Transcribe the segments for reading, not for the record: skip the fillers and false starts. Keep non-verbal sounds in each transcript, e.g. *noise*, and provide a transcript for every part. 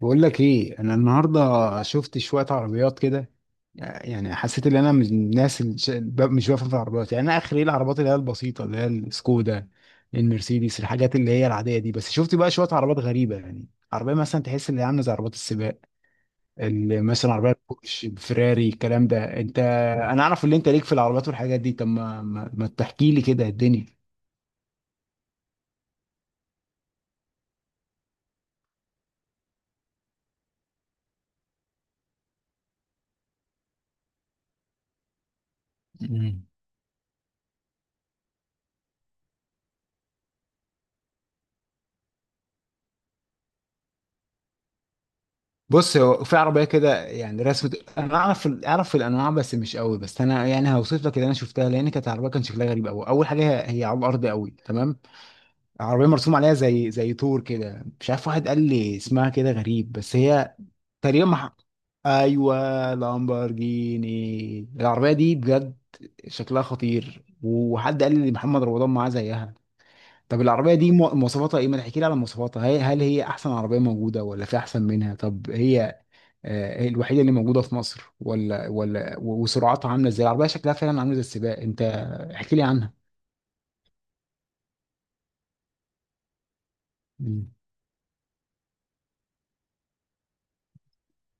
بقول لك ايه، انا النهارده شفت شويه عربيات كده. يعني حسيت ان انا من الناس اللي مش بفهم في العربيات. يعني انا اخر ايه العربيات اللي هي البسيطه، اللي هي السكودا، المرسيدس، الحاجات اللي هي العاديه دي. بس شفت بقى شويه عربيات غريبه، يعني عربيه مثلا تحس ان هي عامله زي عربيات السباق، اللي مثلا عربيه بورش، فراري، الكلام ده. انت انا اعرف ان انت ليك في العربيات والحاجات دي، طب ما تحكي لي كده الدنيا. مم. بص هو في عربيه كده يعني رسمة. انا اعرف الانواع بس مش قوي، بس انا يعني هوصف لك اللي انا شفتها، لان كانت عربيه كان شكلها غريب قوي. اول حاجه هي على الارض قوي، تمام؟ عربيه مرسوم عليها زي طور كده، مش عارف، واحد قال لي اسمها كده غريب، بس هي تقريبا مح... ايوه، لامبورجيني. العربيه دي بجد شكلها خطير، وحد قال لي محمد رمضان معاه زيها. طب العربية دي مواصفاتها ايه؟ ما تحكي لي على مواصفاتها، هل هي أحسن عربية موجودة ولا في أحسن منها؟ طب هي الوحيده اللي موجوده في مصر ولا وسرعتها عامله ازاي؟ العربيه شكلها فعلا عامله زي السباق. انت احكي لي عنها. مم.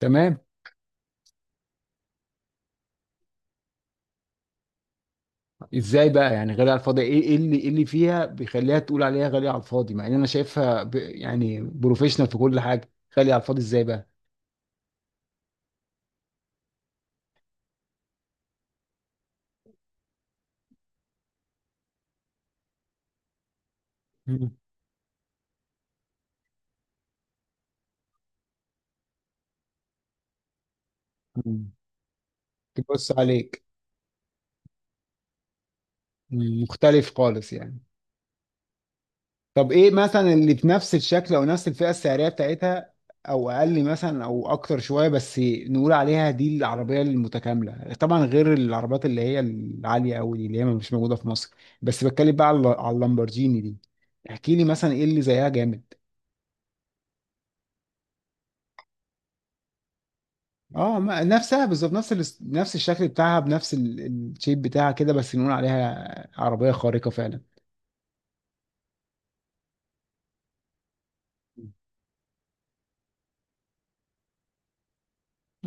تمام. ازاي بقى يعني غالية على الفاضي؟ ايه إيه اللي فيها بيخليها تقول عليها غالية على الفاضي، مع ان انا شايفها يعني بروفيشنال في كل حاجة؟ غالية على الفاضي ازاي بقى؟ مم. مم. تبص عليك. مختلف خالص يعني. طب ايه مثلا اللي بنفس الشكل او نفس الفئه السعريه بتاعتها، او اقل مثلا او اكتر شويه، بس نقول عليها دي العربيه المتكامله، طبعا غير العربيات اللي هي العاليه قوي دي اللي هي مش موجوده في مصر. بس بتكلم بقى على اللامبرجيني دي. احكي لي مثلا ايه اللي زيها جامد. اه نفسها بالظبط، نفس نفس الشكل بتاعها، بنفس الشيب بتاعها كده، بس نقول عليها عربيه خارقه فعلا.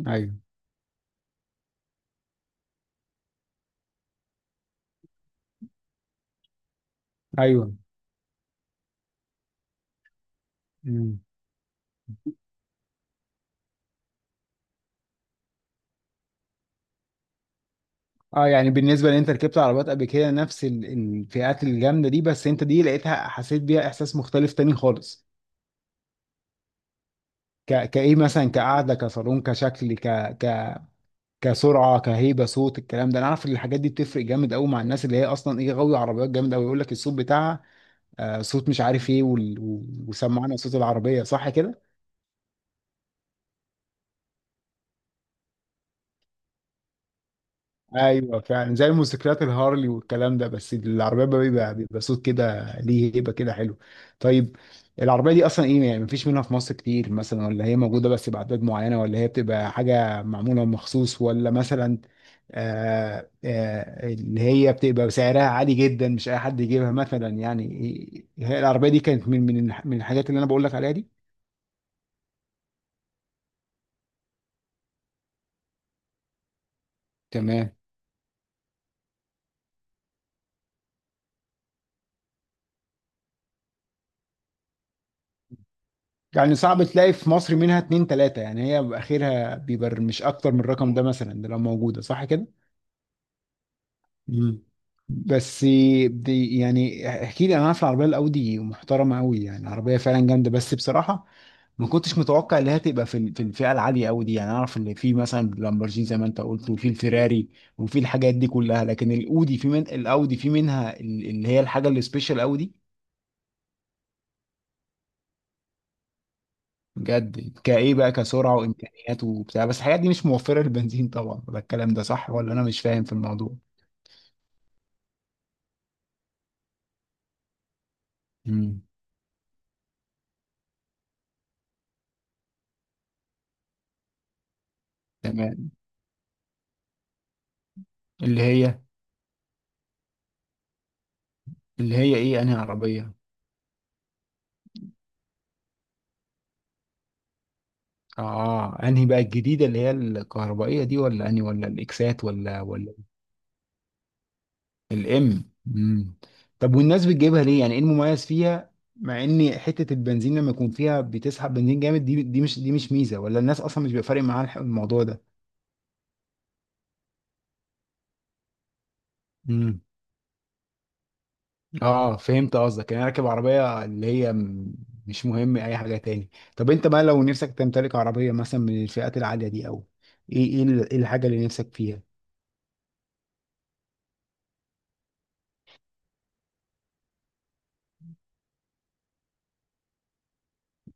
ايوه. ايوه. اه يعني بالنسبه لان انت ركبت عربيات قبل كده نفس الفئات الجامده دي، بس انت دي لقيتها، حسيت بيها احساس مختلف تاني خالص. كايه مثلا، كقعده، كصالون، كشكل، ك... كسرعه، كهيبه، صوت، الكلام ده انا عارف ان الحاجات دي بتفرق جامد قوي مع الناس اللي هي اصلا ايه، غاويه عربيات جامد قوي. يقول لك الصوت بتاعها آه صوت مش عارف ايه وسمعنا صوت العربيه، صح كده؟ ايوه فعلا، زي الموتوسيكلات الهارلي والكلام ده، بس العربيه بقى بيبقى صوت كده ليه هيبه كده حلو. طيب، العربيه دي اصلا ايه يعني؟ مفيش منها في مصر كتير مثلا، ولا هي موجوده بس باعداد معينه، ولا هي بتبقى حاجه معموله مخصوص، ولا مثلا آه اللي هي بتبقى سعرها عالي جدا مش اي حد يجيبها مثلا يعني؟ هي العربيه دي كانت من من الحاجات اللي انا بقول لك عليها دي. تمام. يعني صعب تلاقي في مصر منها اتنين تلاتة يعني؟ هي اخرها بيبقى مش اكتر من الرقم ده مثلا ده لو موجودة، صح كده؟ مم. بس دي يعني احكي لي، انا عارف العربيه الاودي محترمه قوي، يعني عربيه فعلا جامده، بس بصراحه ما كنتش متوقع ان هي تبقى في في الفئه العاليه قوي دي. يعني اعرف ان في مثلا لامبرجيني زي ما انت قلت، وفي الفيراري، وفي الحاجات دي كلها، لكن الاودي في، من الاودي في منها اللي هي الحاجه السبيشال قوي. بجد كايه بقى، كسرعه وامكانيات وبتاع، بس الحاجات دي مش موفره للبنزين طبعا، ولا الكلام ده صح، ولا انا مش فاهم في الموضوع؟ مم. تمام. اللي هي اللي هي ايه، انهي عربيه؟ اه انهي بقى، الجديده اللي هي الكهربائيه دي ولا انهي، ولا الاكسات، ولا؟ الام. امم. طب والناس بتجيبها ليه؟ يعني ايه المميز فيها مع ان حته البنزين لما يكون فيها بتسحب بنزين جامد؟ دي مش، دي مش ميزه، ولا الناس اصلا مش بيبقى فارق معاها الموضوع ده؟ امم. اه فهمت قصدك، يعني راكب عربية اللي هي مش مهم اي حاجة تاني. طب انت بقى لو نفسك تمتلك عربية مثلا من الفئات العالية دي، او ايه، إيه الحاجة اللي نفسك فيها؟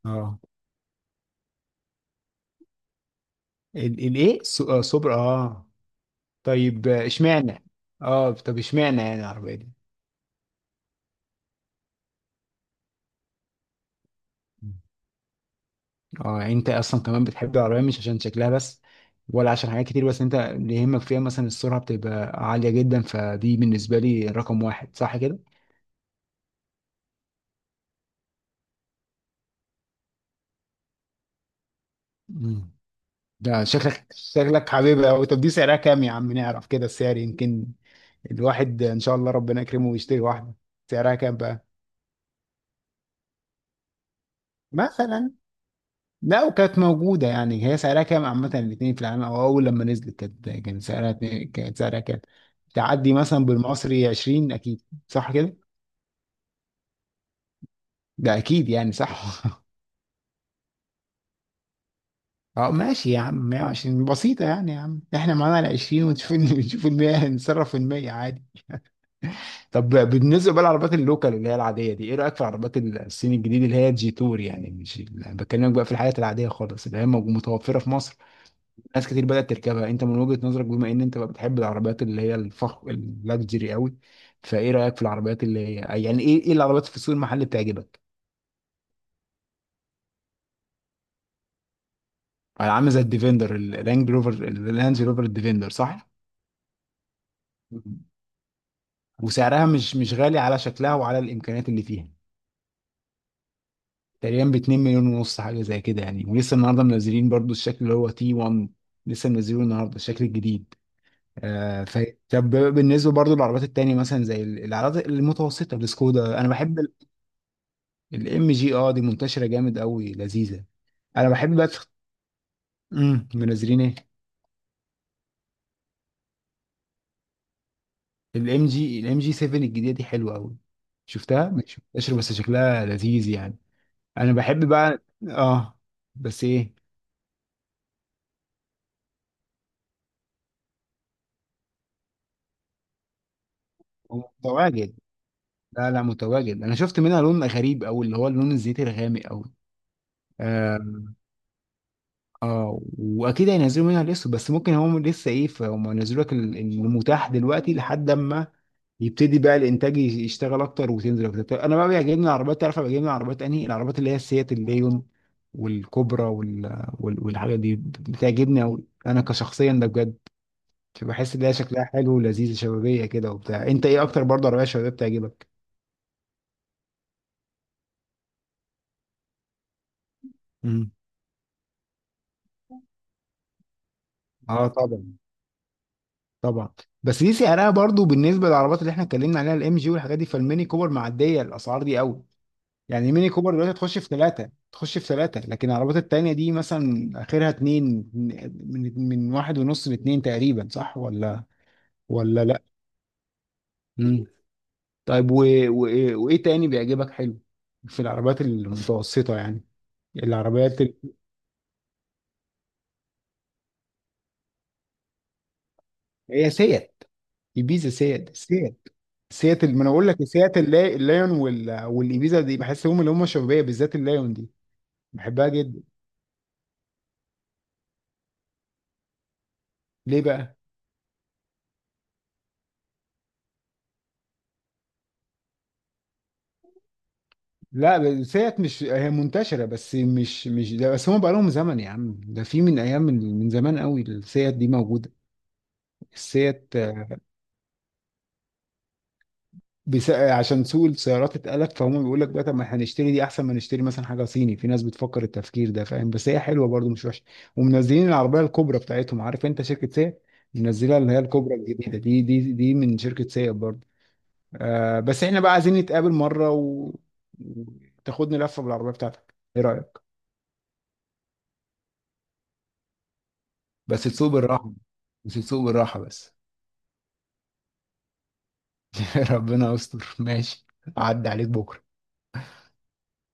اه ال- الايه س- آه، سوبر، اه. طيب، اشمعنى؟ اه طب اشمعنى يعني العربية دي؟ اه يعني انت اصلا كمان بتحب العربية مش عشان شكلها بس، ولا عشان حاجات كتير؟ بس انت اللي يهمك فيها مثلا السرعة بتبقى عالية جدا، فدي بالنسبة لي رقم واحد، صح كده؟ مم. ده شكلك شكلك حبيبي أوي. طب دي سعرها كام يا عم، نعرف كده السعر، يمكن الواحد إن شاء الله ربنا يكرمه ويشتري واحدة. سعرها كام بقى؟ مثلا لو كانت موجودة يعني هي سعرها كام عامة، الاتنين في العالم، أو أول لما نزلت كانت، كان سعرها كانت سعرها كام؟ تعدي مثلا بالمصري 20 أكيد، صح كده؟ ده أكيد يعني، صح. *laughs* اه ماشي يا عم، 120 بسيطة يعني، يا عم احنا معانا ال 20 ونشوف *laughs* نشوف ال 100، نتصرف في المية عادي. طب بالنسبه بقى للعربيات اللوكال اللي هي العاديه دي، ايه رايك في العربيات الصين الجديد اللي هي الجي تور؟ يعني مش بكلمك بقى في الحاجات العاديه خالص اللي هي متوفره في مصر. ناس كتير بدات تركبها، انت من وجهه نظرك، بما ان انت بقى بتحب العربيات اللي هي الفخم اللاكجري قوي، فايه رايك في العربيات اللي هي، يعني ايه، ايه العربيات في السوق المحلي بتعجبك؟ عامله زي الديفندر، الرانج روفر، الرانج روفر الديفندر، صح؟ مم. وسعرها مش غالي على شكلها وعلى الامكانيات اللي فيها. تقريبا ب 2 مليون ونص حاجه زي كده يعني. ولسه النهارده منزلين برضو الشكل اللي هو تي 1، لسه منزلينه النهارده الشكل الجديد. آه ف... طب بالنسبه برضو للعربيات التانية مثلا زي العربيات المتوسطه، السكودا انا بحب. الام جي، اه دي منتشره جامد قوي، لذيذه. انا بحب بقى منزلين ايه؟ الام جي، الام جي 7 الجديده دي حلوه قوي. شفتها مش منتشره، بس شكلها لذيذ يعني. انا بحب بقى، اه. بس ايه؟ هو متواجد؟ لا لا متواجد، انا شفت منها لون غريب او اللي هو اللون الزيتي الغامق قوي، اه. واكيد هينزلوا منها الاسود، بس ممكن هم لسه ايه، فهم ينزلوا لك المتاح دلوقتي لحد اما يبتدي بقى الانتاج يشتغل اكتر وتنزل اكتر. طب انا بقى بيعجبني العربيات، تعرف أنا بيعجبني العربيات انهي؟ العربيات اللي هي السيات، الليون، والكوبرا، والحاجات دي بتعجبني قوي انا كشخصيا ده بجد. بحس ان هي شكلها حلو ولذيذ، شبابيه كده وبتاع. انت ايه اكتر برضه عربيه شبابيه بتعجبك؟ مم. اه طبعا، طبعا. بس دي سعرها برضو بالنسبه للعربيات اللي احنا اتكلمنا عليها، الام جي والحاجات دي، فالميني كوبر معديه الاسعار دي قوي. يعني ميني كوبر دلوقتي تخش في ثلاثه، تخش في ثلاثه، لكن العربيات التانيه دي مثلا اخرها اتنين، من واحد ونص لاتنين تقريبا، صح ولا؟ ولا لا. مم. طيب و... وايه تاني بيعجبك حلو في العربيات المتوسطه يعني؟ العربيات ال... هي سيات، ايبيزا، سيات سيات، ما انا اقول لك سيات، اللايون والايبيزا دي، بحس هم اللي هم شبابيه، بالذات اللايون دي بحبها جدا. ليه بقى؟ لا بس هيت مش هي منتشره بس، مش ده بس، هم بقى لهم زمن يا عم، ده في من ايام، من زمان قوي السيات دي موجوده، السيات. آه، بس... آه، عشان سوق السيارات اتقلب، فهم بيقول لك بقى طب ما احنا نشتري دي احسن ما نشتري مثلا حاجه صيني، في ناس بتفكر التفكير ده، فاهم؟ بس هي حلوه برضو، مش وحشه. ومنزلين العربيه الكبرى بتاعتهم، عارف انت شركه سيات منزلها اللي هي الكبرى الجديده دي؟ دي من شركه سيات برضو. آه بس احنا بقى عايزين نتقابل مره وتاخدني لفه بالعربيه بتاعتك، ايه رايك؟ بس تسوق بالراحة، بس تسوق بالراحة بس. *laughs* ربنا يستر، ماشي. عدى عليك بكرة.